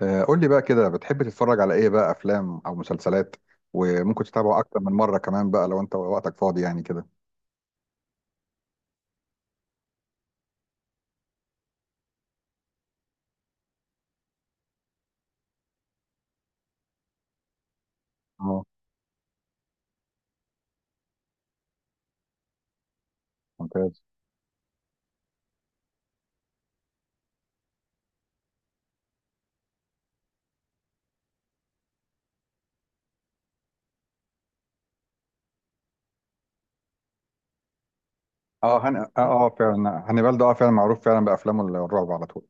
قول لي بقى كده، بتحب تتفرج على ايه بقى، افلام او مسلسلات، وممكن تتابعه اكتر من مره كمان بقى لو انت وقتك فاضي يعني كده. اه. ممتاز. اه، فعلا هانيبال ده فعلا معروف، فعلا بافلامه الرعب على طول.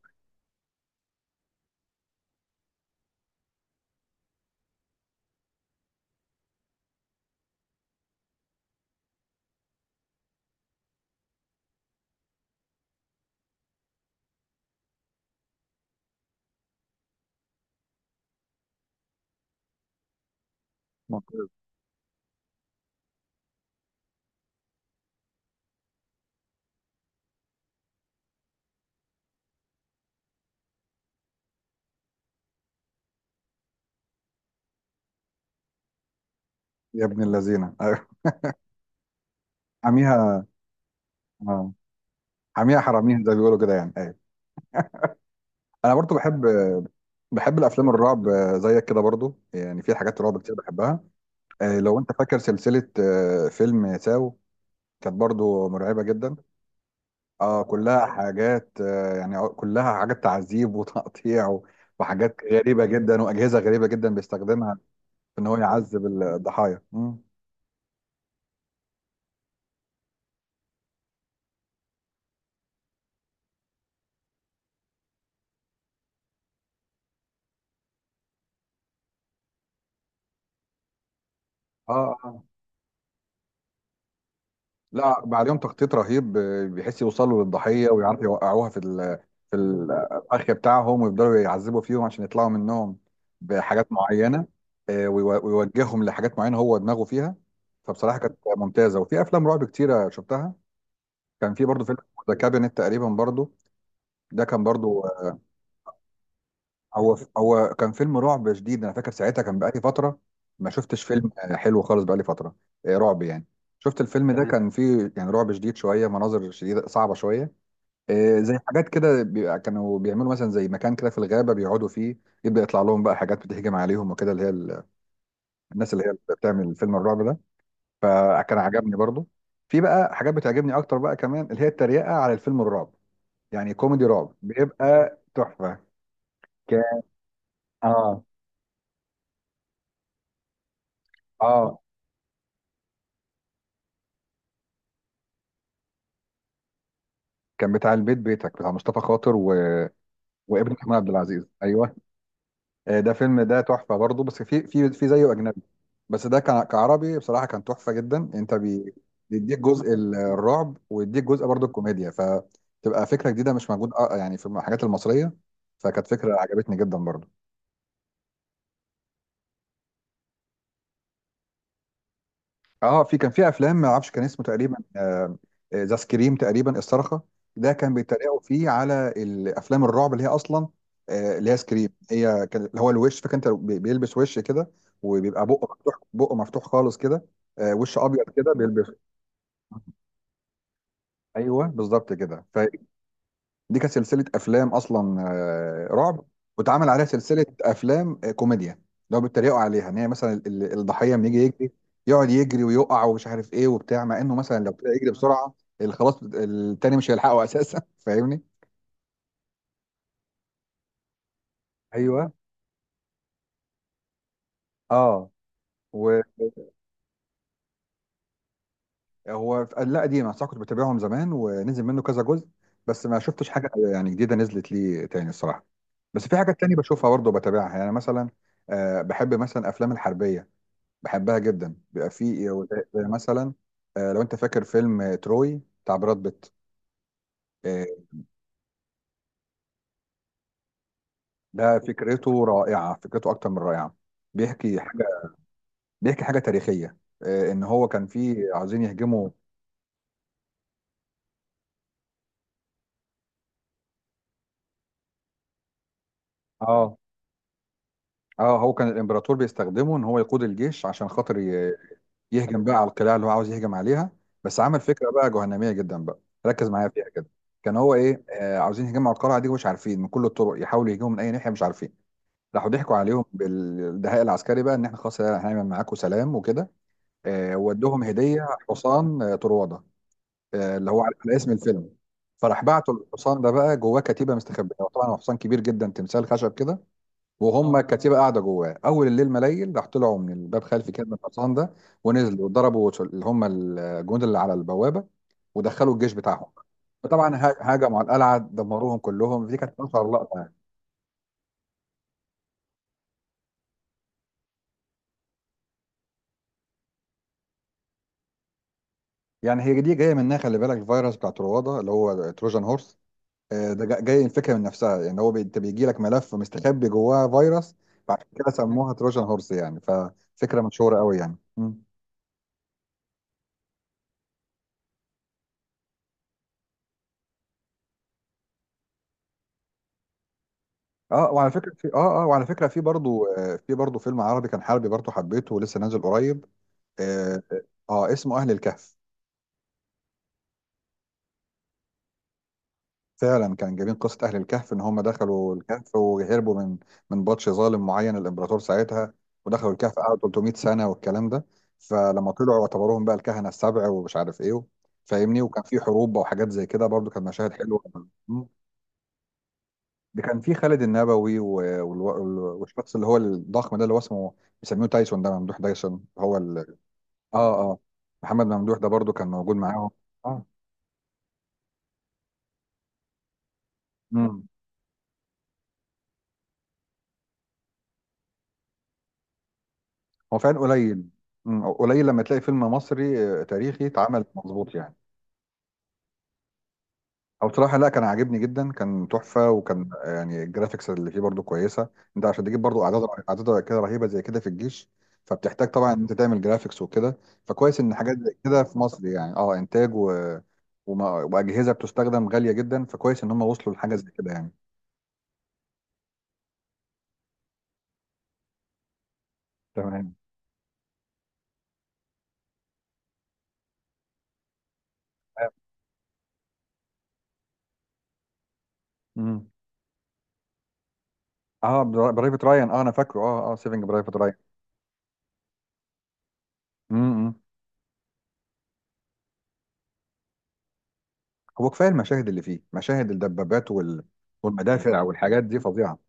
ممتاز. يا ابن اللذينه ايوه. حميها اه حميها حراميها، زي ما بيقولوا كده يعني. ايوه. انا برضو بحب الافلام الرعب، زيك كده برضو، يعني في حاجات رعب كتير بحبها. لو انت فاكر سلسله، فيلم ساو، كانت برضو مرعبه جدا. اه كلها حاجات يعني، كلها حاجات تعذيب وتقطيع وحاجات غريبة جدا وأجهزة غريبة جدا بيستخدمها في إن هو يعذب الضحايا اه آه. لا، بعدهم تخطيط رهيب، بيحس يوصلوا للضحية ويعرفوا يوقعوها في الأخ بتاعهم، ويفضلوا يعذبوا فيهم عشان يطلعوا منهم بحاجات معينة. ويوجههم لحاجات معينة هو دماغه فيها. فبصراحة كانت ممتازة، وفي أفلام رعب كتيرة شفتها. كان في برضه فيلم ذا كابينت تقريبا برضه، ده كان برضو، هو كان فيلم رعب شديد. انا فاكر ساعتها كان بقالي فتره ما شفتش فيلم حلو خالص، بقالي فتره رعب يعني. شفت الفيلم ده، تمام، كان فيه يعني رعب شديد شويه، مناظر شديده صعبه شويه. زي حاجات كده بيبقى كانوا بيعملوا، مثلا زي مكان كده في الغابه بيقعدوا فيه، يبدا يطلع لهم بقى حاجات بتهجم عليهم وكده، اللي هي الناس اللي هي اللي بتعمل فيلم الرعب ده. فكان عجبني برضو. في بقى حاجات بتعجبني اكتر بقى كمان، اللي هي التريقه على الفيلم الرعب، يعني كوميدي رعب بيبقى تحفه. كان اه اه كان بتاع البيت بيتك، بتاع مصطفى خاطر وابن محمود عبد العزيز. ايوه، ده فيلم ده تحفه برضه، بس في زيه اجنبي، بس ده كان كعربي بصراحه كان تحفه جدا. انت بيديك جزء الرعب، ويديك جزء برضه الكوميديا، فتبقى فكره جديده مش موجود يعني في الحاجات المصريه. فكانت فكره عجبتني جدا برضه. اه، كان في افلام ما اعرفش كان اسمه تقريبا، ذا سكريم تقريبا، الصرخه. ده كان بيتريقوا فيه على الافلام الرعب، اللي هي اصلا اللي هي سكريم. هي كان اللي هو الوش، فاكر، انت بيلبس وش كده، وبيبقى بقه مفتوح، بقه مفتوح خالص كده. وش ابيض كده بيلبس. ايوه بالظبط كده. دي كانت سلسله افلام اصلا رعب، واتعمل عليها سلسله افلام كوميديا، لو بيتريقوا عليها، ان هي مثلا الضحيه لما يجي يجري، يقعد يجري ويقع ومش عارف ايه وبتاع، مع انه مثلا لو ابتدى يجري بسرعه خلاص التاني مش هيلحقه اساسا. فاهمني. ايوه. اه وهو لا، قديم، صح، كنت بتابعهم زمان ونزل منه كذا جزء، بس ما شفتش حاجه يعني جديده نزلت لي تاني الصراحه. بس في حاجات تانية بشوفها برضه بتابعها، يعني مثلا بحب مثلا افلام الحربيه، بحبها جدا، بيبقى فيه زي مثلا لو انت فاكر فيلم تروي بتاع براد بيت. آه، ده فكرته رائعه، فكرته اكتر من رائعه. بيحكي حاجه بيحكي حاجه تاريخيه، ان هو كان فيه عاوزين يهجموا. اه اه هو كان الامبراطور بيستخدمه، ان هو يقود الجيش عشان خاطر يهجم بقى على القلاع اللي هو عاوز يهجم عليها. بس عمل فكره بقى جهنميه جدا بقى. ركز معايا فيها كده، كان هو ايه عاوزين يهجموا على القلعه دي، ومش عارفين من كل الطرق يحاولوا يهجموا من اي ناحيه، مش عارفين. راحوا ضحكوا عليهم بالدهاء العسكري بقى، ان احنا خلاص هنعمل معاكم سلام وكده. ودوهم هديه، حصان طرواده، اللي هو على اسم الفيلم. فراح بعتوا الحصان ده بقى جواه كتيبه مستخبيه، هو طبعا هو حصان كبير جدا، تمثال خشب كده. وهم الكتيبه قاعده جواه، اول الليل ما ليل، راح طلعوا من الباب خلفي كده من الحصان ده، ونزلوا وضربوا اللي هم الجنود اللي على البوابه، ودخلوا الجيش بتاعهم. فطبعا هاجموا على القلعه، دمروهم كلهم، دي كانت اشهر لقطه. يعني هي دي جايه منها، خلي بالك، الفيروس بتاع تروادة اللي هو تروجان هورس. جاي الفكره من نفسها، يعني هو انت بيجي لك ملف مستخبي جواه فيروس. فعشان كده سموها تروجان هورس يعني، ففكره مشهوره قوي يعني. وعلى فكره، في برضو فيلم عربي كان حربي برضو، حبيته ولسه نازل قريب. اه, آه اسمه اهل الكهف. فعلا كان جايبين قصة أهل الكهف، إن هم دخلوا الكهف وهربوا من بطش ظالم معين، الإمبراطور ساعتها، ودخلوا الكهف قعدوا 300 سنة والكلام ده. فلما طلعوا اعتبروهم بقى الكهنة السبع ومش عارف إيه، فاهمني. وكان في حروب بقى وحاجات زي كده، برضو كان مشاهد حلوة مم. ده كان في خالد النبوي، والشخص اللي هو الضخم ده، اللي هو اسمه بيسميه تايسون، ده ممدوح تايسون، هو ال... آه آه محمد ممدوح، ده برضو كان موجود معاهم آه مم. هو فعلا قليل، قليل لما تلاقي فيلم مصري تاريخي اتعمل مظبوط يعني. او بصراحه، لا، كان عاجبني جدا، كان تحفه، وكان يعني الجرافيكس اللي فيه برضو كويسه. انت عشان تجيب برضو اعداد، اعداد كده رهيبه زي كده في الجيش، فبتحتاج طبعا ان انت تعمل جرافيكس وكده. فكويس ان حاجات زي كده في مصر، يعني انتاج واجهزه بتستخدم غاليه جدا، فكويس ان هم وصلوا لحاجه زي كده يعني. تمام. امم اه برايفت رايان، انا فاكره، سيفنج برايفت رايان. هو كفايه المشاهد اللي فيه، مشاهد الدبابات والمدافع والحاجات دي فظيعه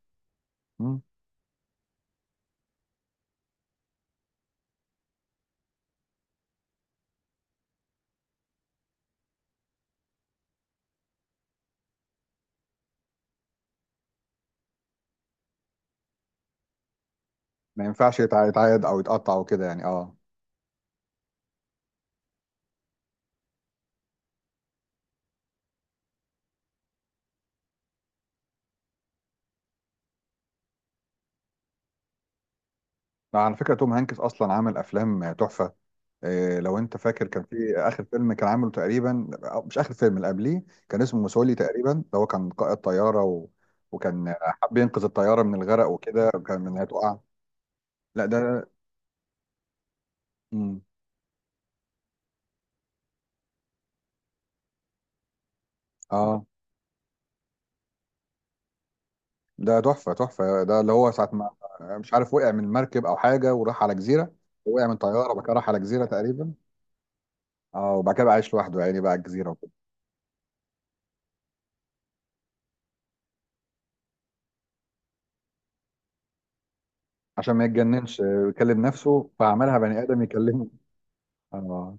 مم. ما ينفعش يتعاد او يتقطع وكده يعني. اه. على فكره توم هانكس اصلا عامل افلام تحفه. إيه، لو انت فاكر، كان في اخر فيلم كان عامله تقريبا، أو مش اخر فيلم، اللي قبليه كان اسمه موسولي تقريبا، اللي هو كان قائد طياره وكان حب ينقذ الطياره من الغرق وكده، وكان من انها تقع. لا، ده. مم. اه ده تحفة تحفة، ده اللي هو ساعة ما، مش عارف، وقع من مركب أو حاجة وراح على جزيرة، وقع من طيارة وبعد كده راح على جزيرة تقريبا. اه، وبعد كده بقى عايش لوحده يعني، بقى على الجزيرة وكده، عشان ما يتجننش يكلم نفسه، فعملها بني آدم يكلمه. اه،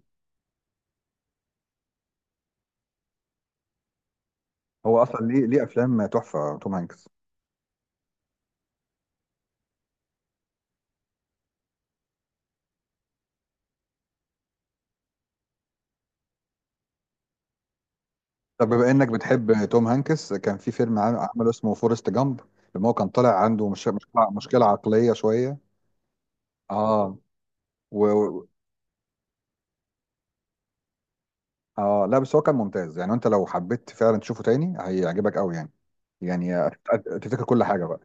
هو أصلا ليه أفلام تحفة توم هانكس. طب بما إنك بتحب توم هانكس، كان في فيلم عمله اسمه فورست جامب، لما هو كان طالع عنده، مش مشكلة، مشكلة عقلية شوية. اه اه لا، بس هو كان ممتاز يعني، انت لو حبيت فعلا تشوفه تاني هيعجبك قوي يعني، يعني هتفتكر كل حاجه بقى.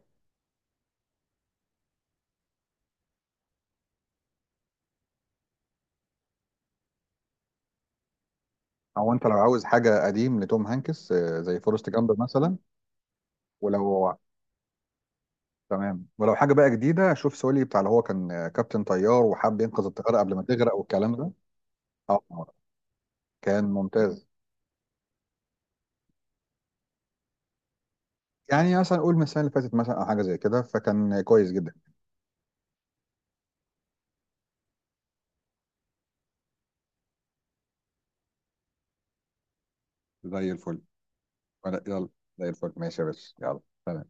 او انت لو عاوز حاجه قديم لتوم هانكس، زي فورست جامب مثلا، ولو، تمام، ولو حاجه بقى جديده، شوف سولي، بتاع اللي هو كان كابتن طيار، وحب ينقذ الطياره قبل ما تغرق والكلام ده. اه، كان ممتاز يعني، مثلا قول من السنه اللي فاتت مثلا او حاجه زي كده، فكان كويس جدا. زي الفل. يلا. زي الفل، ماشي يا باشا. يلا.